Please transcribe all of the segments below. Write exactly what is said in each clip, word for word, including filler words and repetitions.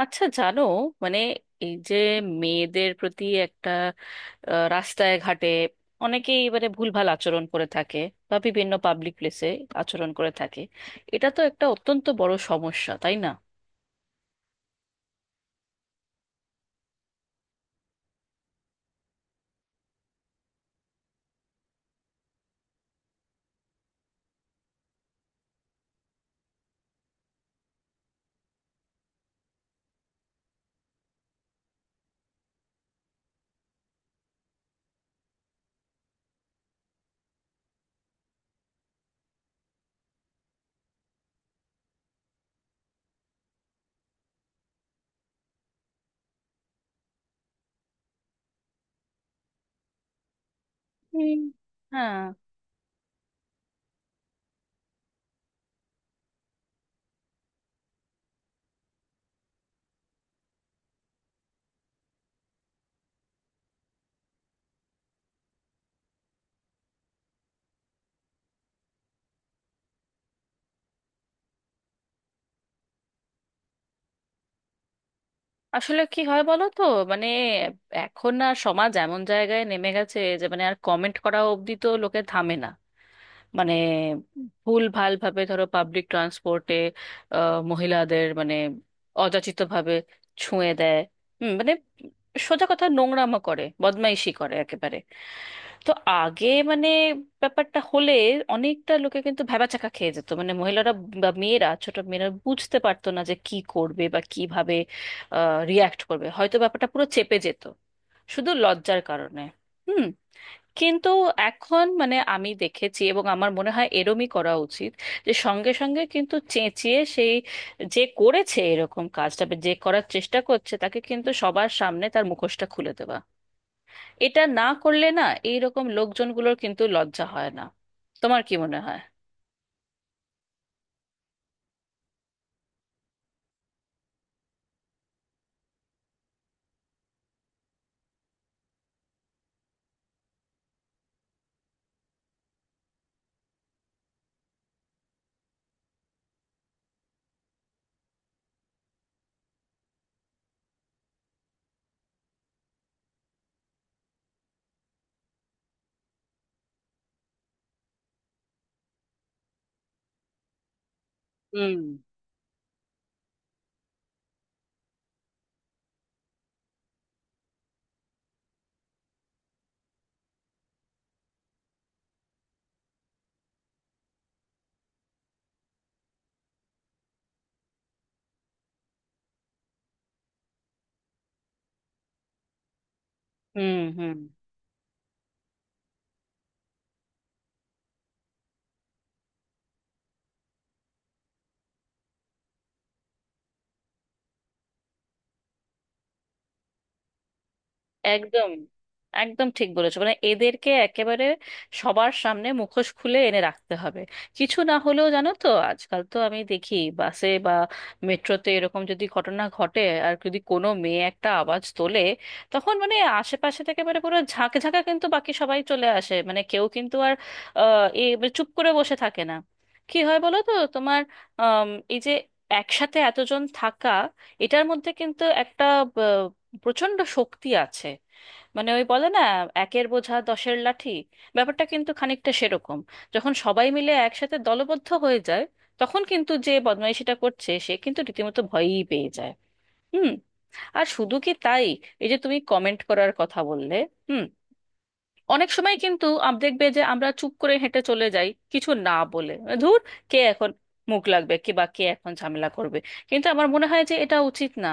আচ্ছা, জানো, মানে, এই যে মেয়েদের প্রতি একটা আহ, রাস্তায় ঘাটে অনেকেই এবারে ভুলভাল আচরণ করে থাকে, বা বিভিন্ন পাবলিক প্লেসে আচরণ করে থাকে। এটা তো একটা অত্যন্ত বড় সমস্যা, তাই না? হুম, হ্যাঁ। আসলে কি হয় বলো তো? মানে, এখন আর সমাজ এমন জায়গায় নেমে গেছে যে মানে আর কমেন্ট করা অবধি তো লোকে থামে না। মানে, ভুল ভাল ভাবে ধরো, পাবলিক ট্রান্সপোর্টে মহিলাদের মানে অযাচিত ভাবে ছুঁয়ে দেয়। হুম, মানে সোজা কথা নোংরামো করে, বদমাইশি করে একেবারে। তো আগে, মানে, ব্যাপারটা হলে অনেকটা লোকে কিন্তু ভ্যাবাচ্যাকা খেয়ে যেত, মানে মহিলারা বা মেয়েরা, ছোট মেয়েরা বুঝতে পারতো না যে কি করবে বা কিভাবে রিয়াক্ট করবে। হয়তো ব্যাপারটা পুরো চেপে যেত শুধু লজ্জার কারণে। হুম। কিন্তু এখন মানে আমি দেখেছি, এবং আমার মনে হয় এরমই করা উচিত, যে সঙ্গে সঙ্গে কিন্তু চেঁচিয়ে সেই, যে করেছে এরকম কাজটা বা যে করার চেষ্টা করছে, তাকে কিন্তু সবার সামনে তার মুখোশটা খুলে দেওয়া। এটা না করলে না, এইরকম লোকজনগুলোর কিন্তু লজ্জা হয় না। তোমার কি মনে হয়? হুম, হুম, হুম। একদম, একদম ঠিক বলেছো, মানে এদেরকে একেবারে সবার সামনে মুখোশ খুলে এনে রাখতে হবে। কিছু না হলেও জানো তো, আজকাল তো আমি দেখি বাসে বা মেট্রোতে এরকম যদি ঘটনা ঘটে, আর যদি কোনো মেয়ে একটা আওয়াজ তোলে, তখন মানে আশেপাশে থেকে মানে পুরো ঝাঁকে ঝাঁকে কিন্তু বাকি সবাই চলে আসে, মানে কেউ কিন্তু আর আহ, এ মানে চুপ করে বসে থাকে না। কি হয় বলো তো তোমার? আম, এই যে একসাথে এতজন থাকা, এটার মধ্যে কিন্তু একটা প্রচন্ড শক্তি আছে। মানে, ওই বলে না, একের বোঝা দশের লাঠি, ব্যাপারটা কিন্তু খানিকটা সেরকম। যখন সবাই মিলে একসাথে দলবদ্ধ হয়ে যায়, তখন কিন্তু যে বদমাইশিটা করছে সে কিন্তু রীতিমতো ভয়ই পেয়ে যায়। হুম। আর শুধু কি তাই? এই যে তুমি কমেন্ট করার কথা বললে। হুম। অনেক সময় কিন্তু আম- দেখবে যে আমরা চুপ করে হেঁটে চলে যাই কিছু না বলে, মানে, ধুর, কে এখন মুখ লাগবে, কে বা কে এখন ঝামেলা করবে। কিন্তু আমার মনে হয় যে এটা উচিত না।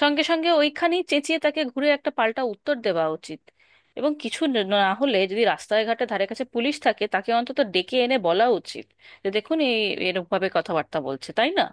সঙ্গে সঙ্গে ওইখানেই চেঁচিয়ে তাকে ঘুরে একটা পাল্টা উত্তর দেওয়া উচিত, এবং কিছু ন- না হলে যদি রাস্তায় ঘাটে ধারে কাছে পুলিশ থাকে, তাকে অন্তত ডেকে এনে বলা উচিত যে দেখুন, এই এরকম ভাবে কথাবার্তা বলছে, তাই না?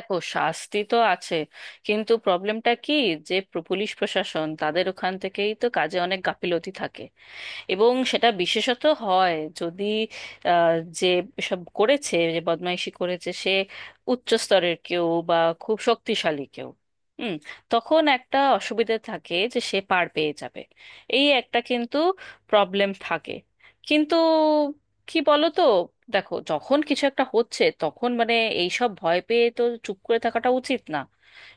দেখো, শাস্তি তো আছে, কিন্তু প্রবলেমটা কি, যে প্র- পুলিশ প্রশাসন তাদের ওখান থেকেই তো কাজে অনেক গাফিলতি থাকে। এবং সেটা বিশেষত হয় যদি আহ, যে সব করেছে, যে বদমাইশি করেছে, সে উচ্চ স্তরের কেউ, বা খুব শক্তিশালী কেউ। হুম। তখন একটা অসুবিধা থাকে যে সে পার পেয়ে যাবে। এই একটা কিন্তু প্রবলেম থাকে। কিন্তু কি বলো তো, দেখো, যখন কিছু একটা হচ্ছে তখন মানে এইসব ভয় পেয়ে তো চুপ করে থাকাটা উচিত না।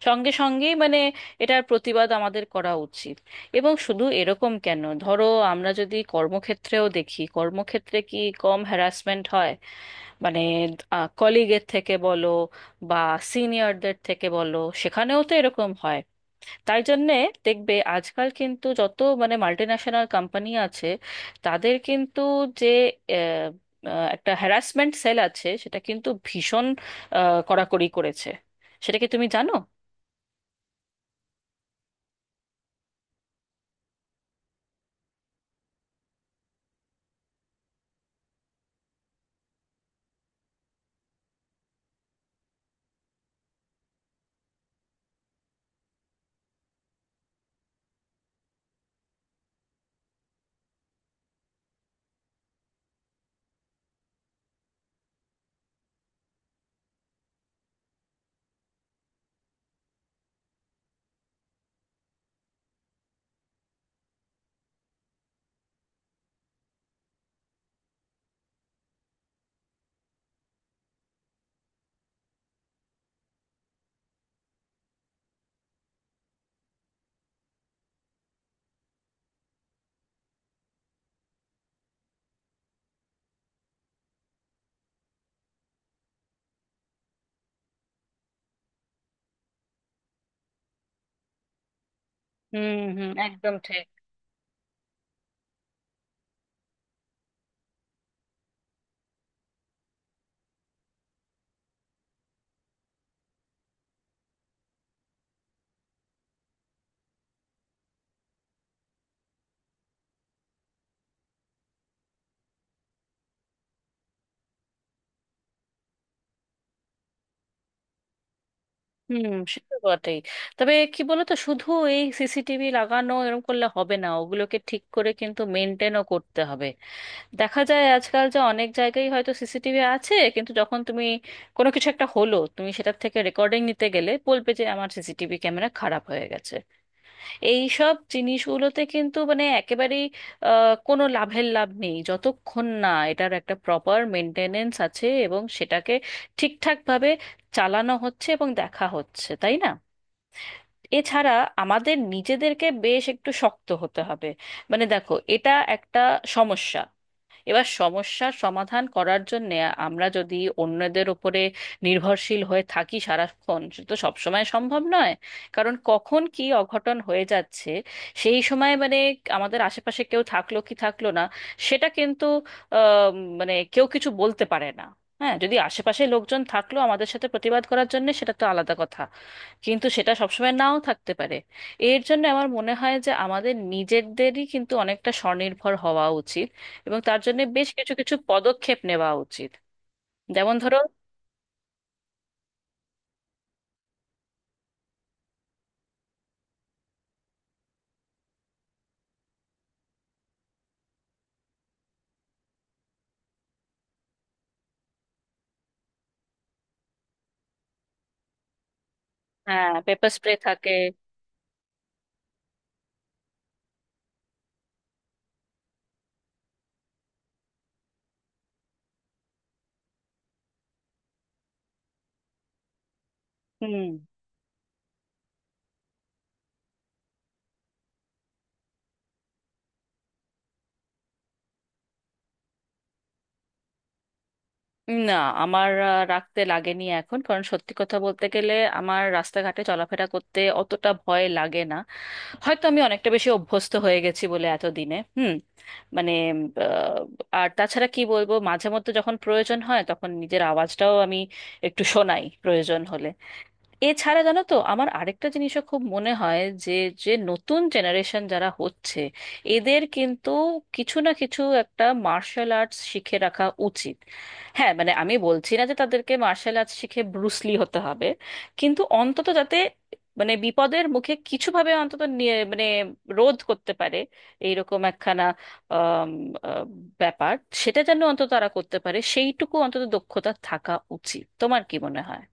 সঙ্গে সঙ্গেই মানে এটার প্রতিবাদ আমাদের করা উচিত। এবং শুধু এরকম কেন, ধরো আমরা যদি কর্মক্ষেত্রেও দেখি, কর্মক্ষেত্রে কি কম হ্যারাসমেন্ট হয়? মানে, কলিগের থেকে বলো, বা সিনিয়রদের থেকে বলো, সেখানেও তো এরকম হয়। তাই জন্যে দেখবে আজকাল কিন্তু যত মানে মাল্টিন্যাশনাল কোম্পানি আছে, তাদের কিন্তু যে আহ, আহ, একটা হ্যারাসমেন্ট সেল আছে, সেটা কিন্তু ভীষণ আহ, কড়াকড়ি করেছে। সেটা কি তুমি জানো? হুম, হুম, একদম ঠিক। হুম, সে তো বটেই। তবে কি বলতো, শুধু এই সিসিটিভি লাগানো এরকম করলে হবে না, ওগুলোকে ঠিক করে কিন্তু মেনটেনও করতে হবে। দেখা যায় আজকাল যে অনেক জায়গায় হয়তো সিসিটিভি আছে, কিন্তু যখন তুমি, কোনো কিছু একটা হলো তুমি সেটার থেকে রেকর্ডিং নিতে গেলে, বলবে যে আমার সিসিটিভি ক্যামেরা খারাপ হয়ে গেছে। এই সব জিনিসগুলোতে কিন্তু মানে একেবারেই আহ, কোনো লাভের লাভ নেই যতক্ষণ না এটার একটা প্রপার মেনটেনেন্স আছে এবং সেটাকে ঠিকঠাকভাবে চালানো হচ্ছে এবং দেখা হচ্ছে, তাই না? এছাড়া আমাদের নিজেদেরকে বেশ একটু শক্ত হতে হবে। মানে দেখো, এটা একটা সমস্যা। এবার সমস্যার সমাধান করার জন্য আমরা যদি অন্যদের উপরে নির্ভরশীল হয়ে থাকি সারাক্ষণ, সে তো সবসময় সম্ভব নয়। কারণ কখন কি অঘটন হয়ে যাচ্ছে, সেই সময় মানে আমাদের আশেপাশে কেউ থাকলো কি থাকলো না, সেটা কিন্তু আহ, মানে কেউ কিছু বলতে পারে না। হ্যাঁ, যদি আশেপাশে লোকজন থাকলো আমাদের সাথে প্রতিবাদ করার জন্য, সেটা তো আলাদা কথা, কিন্তু সেটা সবসময় নাও থাকতে পারে। এর জন্য আমার মনে হয় যে আমাদের নিজেদেরই কিন্তু অনেকটা স্বনির্ভর হওয়া উচিত, এবং তার জন্য বেশ কিছু কিছু পদক্ষেপ নেওয়া উচিত। যেমন ধরো। হ্যাঁ, পেপার স্প্রে থাকে। হুম। না, আমার আহ, রাখতে লাগেনি এখন, কারণ সত্যি কথা বলতে গেলে আমার রাস্তাঘাটে চলাফেরা করতে অতটা ভয় লাগে না। হয়তো আমি অনেকটা বেশি অভ্যস্ত হয়ে গেছি বলে এতদিনে। হুম, মানে, আহ, আর তাছাড়া কি বলবো, মাঝে মধ্যে যখন প্রয়োজন হয় তখন নিজের আওয়াজটাও আমি একটু শোনাই, প্রয়োজন হলে। এছাড়া জানো তো, আমার আরেকটা জিনিসও খুব মনে হয়, যে যে নতুন জেনারেশন যারা হচ্ছে, এদের কিন্তু কিছু না কিছু একটা মার্শাল আর্টস শিখে রাখা উচিত। হ্যাঁ, মানে আমি বলছি না যে তাদেরকে মার্শাল আর্টস শিখে ব্রুসলি হতে হবে, কিন্তু অন্তত যাতে মানে বিপদের মুখে কিছুভাবে অন্তত নিয়ে মানে রোধ করতে পারে, এইরকম একখানা আম, আহ, ব্যাপার, সেটা যেন অন্তত তারা করতে পারে, সেইটুকু অন্তত দক্ষতা থাকা উচিত। তোমার কি মনে হয়?